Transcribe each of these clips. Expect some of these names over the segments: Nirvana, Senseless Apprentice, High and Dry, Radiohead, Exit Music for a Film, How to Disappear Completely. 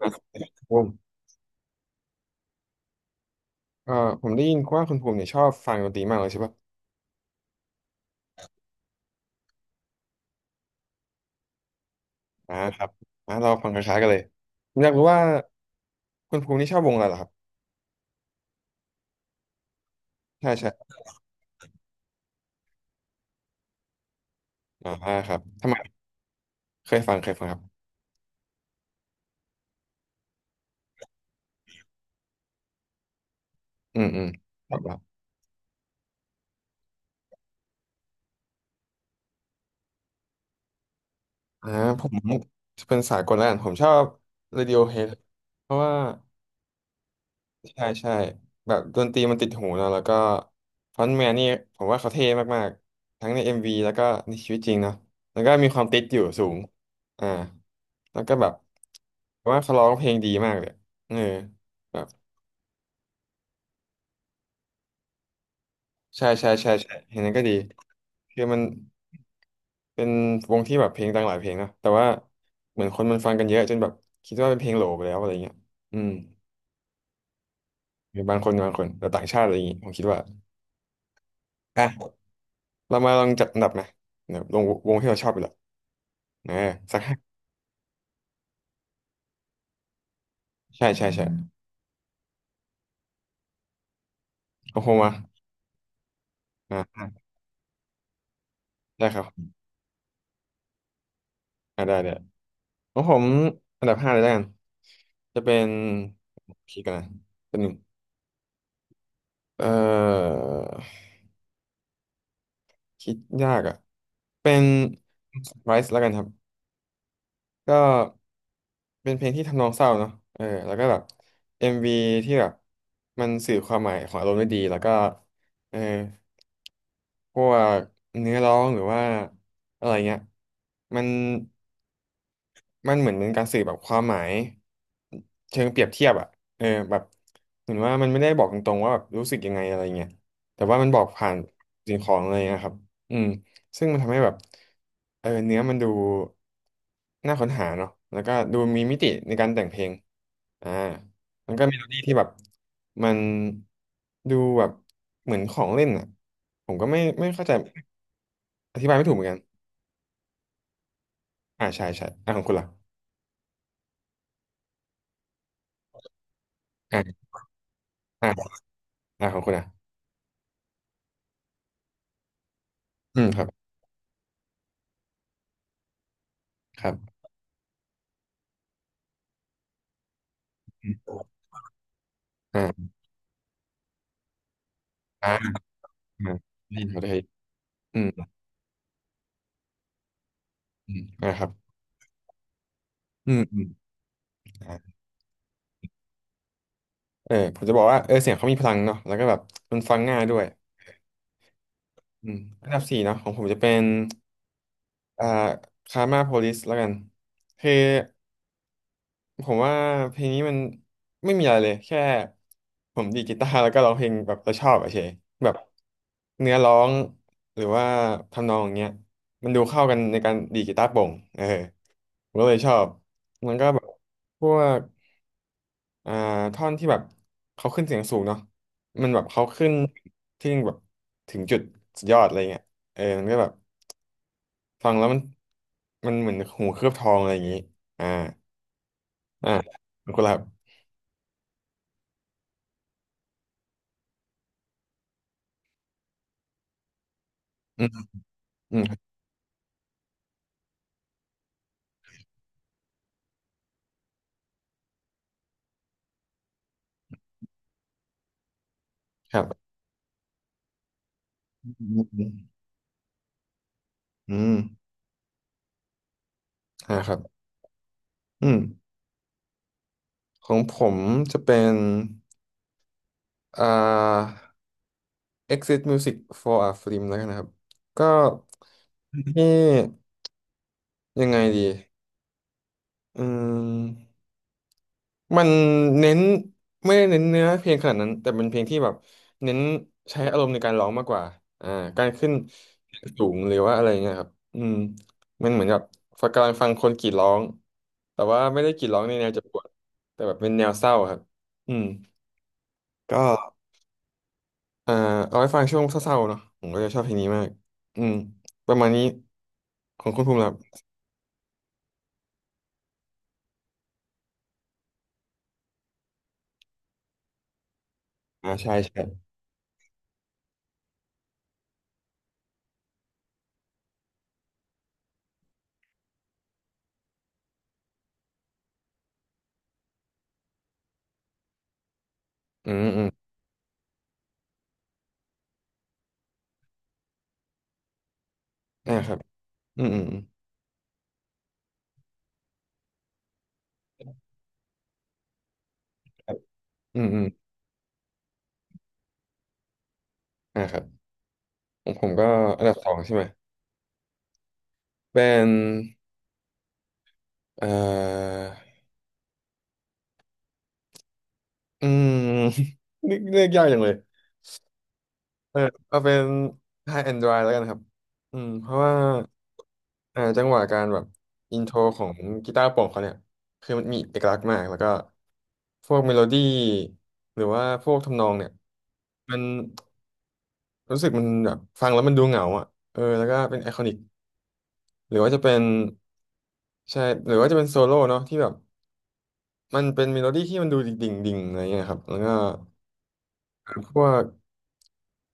อ่ะคุณภูมิเอ่อผมได้ยินว่าคุณภูมิเนี่ยชอบฟังดนตรีมากเลยใช่ปะอ่าครับอ่าเราฟังคล้ายๆกันเลยผมอยากรู้ว่าคุณภูมินี่ชอบวงอะไรเหรอครับใช่ใช่อ่าครับทำไมเคยฟังครับอืมอืมครับครับอ่าผมจะเป็นสายกลแล้วกันผมชอบ Radiohead เพราะว่า ใช่ใช่แบบดนตรีมันติดหูเนะแล้วก็ฟรอนต์แมนนี่ผมว่าเขาเท่มากๆทั้งใน MV แล้วก็ในชีวิตจริงเนาะแล้วก็มีความติดอยู่สูงอ่าแล้วก็แบบผมว่าเขาร้องเพลงดีมากเลยเออแบบใช่ใช่เห็นนั้นก็ดีคือมันเป็นวงที่แบบเพลงดังหลายเพลงเนอะแต่ว่าเหมือนคนมันฟังกันเยอะจนแบบคิดว่าเป็นเพลงโหลไปแล้วอะไรเงี้ยอืมหรือบางคนแต่ต่างชาติอะไรอย่างงี้ผมคิดว่าอ่ะ เรามาลองจัดอันดับไหมเนี่ยลงวงที่เราชอบไปละนะสักห้าใช่ของผมมาอ่าได้ครับอ่าได้ได้ของผมอันดับห้าเลยแล้วกันจะเป็นคิดกันนะเป็นหนึ่งเอ่อคิดยากอ่ะเป็น Rise แล้วกันครับก็เป็นเพลงที่ทำนองเศร้าเนาะเออแล้วก็แบบ MV ที่แบบมันสื่อความหมายของอารมณ์ได้ดีแล้วก็เออ พวกเนื้อร้องหรือว่าอะไรเงี้ยมันมันเหมือนเป็นการสื่อแบบความหมายเชิงเปรียบเทียบอ่ะเออแบบเหมือนว่ามันไม่ได้บอกตรงๆว่าแบบรู้สึกยังไงอะไรเงี้ยแต่ว่ามันบอกผ่านสิ่งของอะไรเงี้ยครับอืมซึ่งมันทำให้แบบเออเนื้อมันดูน่าค้นหาเนาะแล้วก็ดูมีมิติในการแต่งเพลงอ่ามันก็เมโลดี้ที่แบบมันดูแบบเหมือนของเล่นอ่ะผมก็ไม่เข้าใจ อธิบายไม่ถูกเหมือนกันอ่าใช่ใช่อ่าของคุณล่ะอ่าอ่าอ่าของคุณอ่ะอืมครับครับอืมอ่าอ่าอ่าได้ยินครับได้ยินอืมอืมอ่าครับอืมอืมอ่าเออผมจะบอกว่าเออเสียงเขามีพลังเนาะแล้วก็แบบมันฟังง่ายด้วยอืมอันดับสี่เนาะของผมจะเป็นอ่าคาร์มาโพลิสแล้วกันคือ ผมว่าเพลงนี้มันไม่มีอะไรเลยแค่ผมดีดกีตาร์แล้วก็ร้องเพลงแบบเราชอบอะเฉยแบบเนื้อร้องหรือว่าทำนองอย่างเงี้ยมันดูเข้ากันในการดีดกีตาร์โปร่งเออผมก็เลยชอบมันก็แบบพวกอ่าท่อนที่แบบเขาขึ้นเสียงสูงเนาะมันแบบเขาขึ้นที่แบบถึงจุดสุดยอดอะไรเงี้ยเออมันก็แบบฟังแล้วมันเหมือนหูเคลือบทองอะไรอย่างงี้อ่าอ่าขอบคุณครับอืมอืมครับ อืมอืมอ่าครับอืมของผมจะเป็นอ่า Exit Music for a Film แล้วกันนะครับก็ที่ยังไงดีอืมมันเน้นไม่ได้เน้นเนื้อเพลงขนาดนั้นแต่เป็นเพลงที่แบบเน้นใช้อารมณ์ในการร้องมากกว่าอ่าการขึ้นเสยงสูงหรือว่าอะไรเงี้ยครับอืมมันเหมือนกับกำลังฟังคนกรีดร้องแต่ว่าไม่ได้กรีดร้องในแนวเจ็บปวดแต่แบบเป็นแนวเศร้าครับอืมก็ อ่าเอาไว้ฟังช่วงเศร้าๆเนาะผมก็จะชอบเพลงนี้มากอืมประมาณนี้ของคุณภูมิครับอ่าใช่ใช่อืมอืมอ่าครับอืมอืมอืมครับอืมอืมอ่าครับผมก็อันดับสองใช่ไหมเป็นเอ่ออืม นึกเลือกยากจังเลยเออเอาเป็น High and Dry แล้วกันครับอืมเพราะว่าอ่าจังหวะการแบบอินโทรของกีตาร์โปร่งเขาเนี่ยคือมันมีเอกลักษณ์มากแล้วก็พวกเมโลดี้หรือว่าพวกทำนองเนี่ย มันรู้สึกมันแบบฟังแล้วมันดูเหงาอ่ะเออแล้วก็เป็นไอคอนิกหรือว่าจะเป็นใช่หรือว่าจะเป็นโซโล่เนาะที่แบบมันเป็นเมโลดี้ที่มันดูดิ่งอะไรเงี้ยครับแล้วก็พวก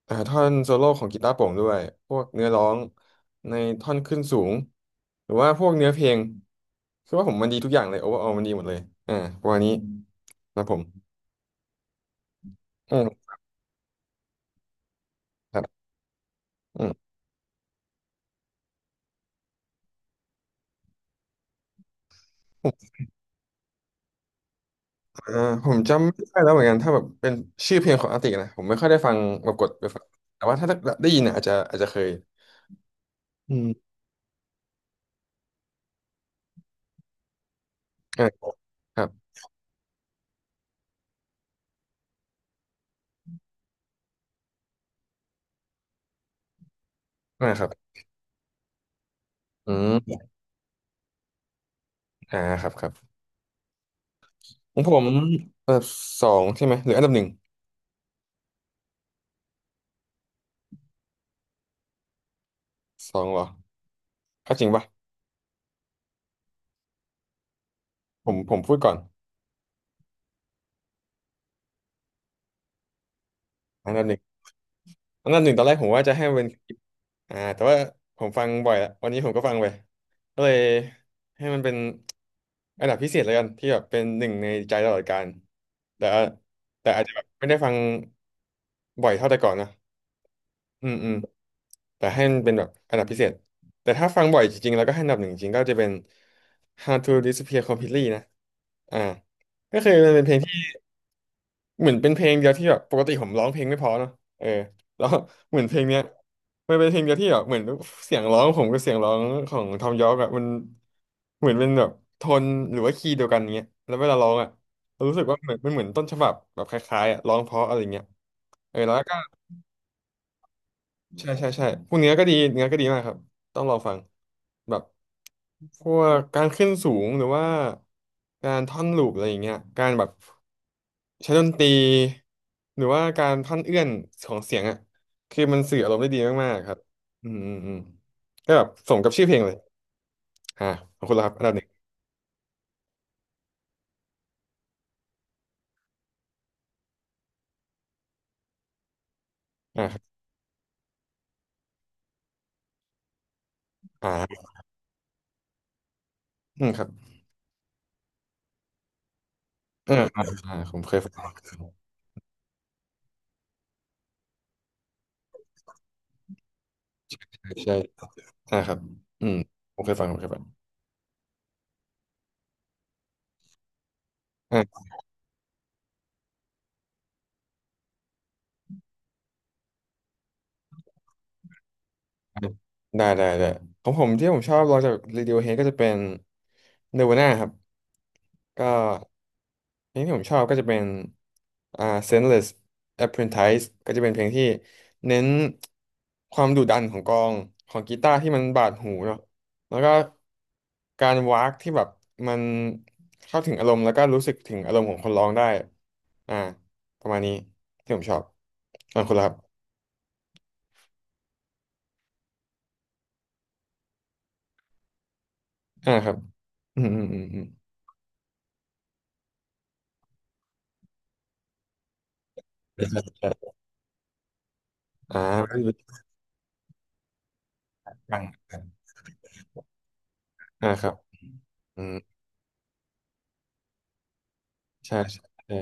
อ่าท่อนโซโล่ของกีตาร์โปร่งด้วยพวกเนื้อร้องในท่อนขึ้นสูงหรือว่าพวกเนื้อเพลงคือว่าผมมันดีทุกอย่างเลยโอเวอร์ออมันดีหมดเลยอ่าประมาณนี้นะผมอืมครับอืม อ่าผมจำไม่ได้แล้วเหมือนกันถ้าแบบเป็นชื่อเพลงของอาตินะผมไม่ค่อยได้ฟังแบบกดไปฟังแต่ว่าถ้าได้ยินเนี่ยอาจจะเคยอืมครับครับอืมครับครับของผมอันดับสองใช่ไหมหรืออันดับหนึ่งสองเหรอถ้าจริงปะผมพูดก่อนอันดับหนึ่ง อันดับหนึ่งตอนแรกผมว่าจะให้มันเป็นคลิปแต่ว่าผมฟังบ่อยละวันนี้ผมก็ฟังไปก็เลยให้มันเป็นอันดับพิเศษแล้วกันที่แบบเป็นหนึ่งในใจตลอดกาลแต่ว่าแต่อาจจะแบบไม่ได้ฟังบ่อยเท่าแต่ก่อนนะอืมอืมแต่ให้มันเป็นแบบอันดับพิเศษแต่ถ้าฟังบ่อยจริงๆแล้วก็ให้อันดับหนึ่งจริงๆก็จะเป็น How to Disappear Completely นะอ่าก็คือมันเป็นเพลง เหมือนเป็นเพลงเดียวที่แบบปกติผมร้องเพลงไม่เพอเนาะเออแล้ว เหมือนเพลงเนี้ยมันเป็นเพลงเดียวที่แบบเหมือนเสียงร้องผมกับเสียงร้องของทอมยอร์กอะมันเหมือนเป็นแบบโทนหรือว่าคีย์เดียวกันเงี้ยแล้วเวลาร้องอะเรารู้สึกว่าเหมือนมันเหมือนต้นฉบับแบบคล้ายๆอะร้องเพราะอะไรเงี้ยเออแล้วก็ใช่ใช่ใช่พวกเนื้อก็ดีเนื้อก็ดีมากครับต้องลองฟังแบบพวกการขึ้นสูงหรือว่าการท่อนลูปอะไรอย่างเงี้ยการแบบ ใช้ดนตรีหรือว่าการพันเอื้อนของเสียงอ่ะคือมันสื่ออารมณ์ได้ดีมากๆครับอืมอืมอืมก็แบบสมกับชื่อเพลงเลยอ่าขอบคุณแล้วครับอันดับหนึ่งครับอ่าอืมครับอ่าอ่าอ่าผมเคยฟังใช่ครับอืมผมเคยฟังอ่าได้ได้ได้ของผมที่ผมชอบลองจาก Radiohead ก็จะเป็น Nirvana ครับก็ เพลงที่ผมชอบก็จะเป็นอ่า Senseless Apprentice ก็จะเป็นเพลงที่เน้นความดุดันของกลองของกีตาร์ที่มันบาดหูเนาะแล้วก็การวากที่แบบมันเข้าถึงอารมณ์แล้วก็รู้สึกถึงอารมณ์ของคนร้องได้อ่าประมาณนี้ที่ผมชอบคุณละครับครับอืมอืมอืมอืมใช่ใช่ใช่อ่าก็อยู้ฟังครับอืมใช่ใช่ใช่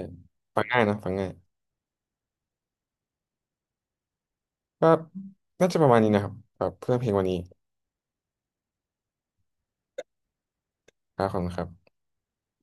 ฟังง่ายเนอะฟังง่ายก็น่าจะประมาณนี้นะครับแบบเพื่อเพลงวันนี้ ครับขอบคุณครับ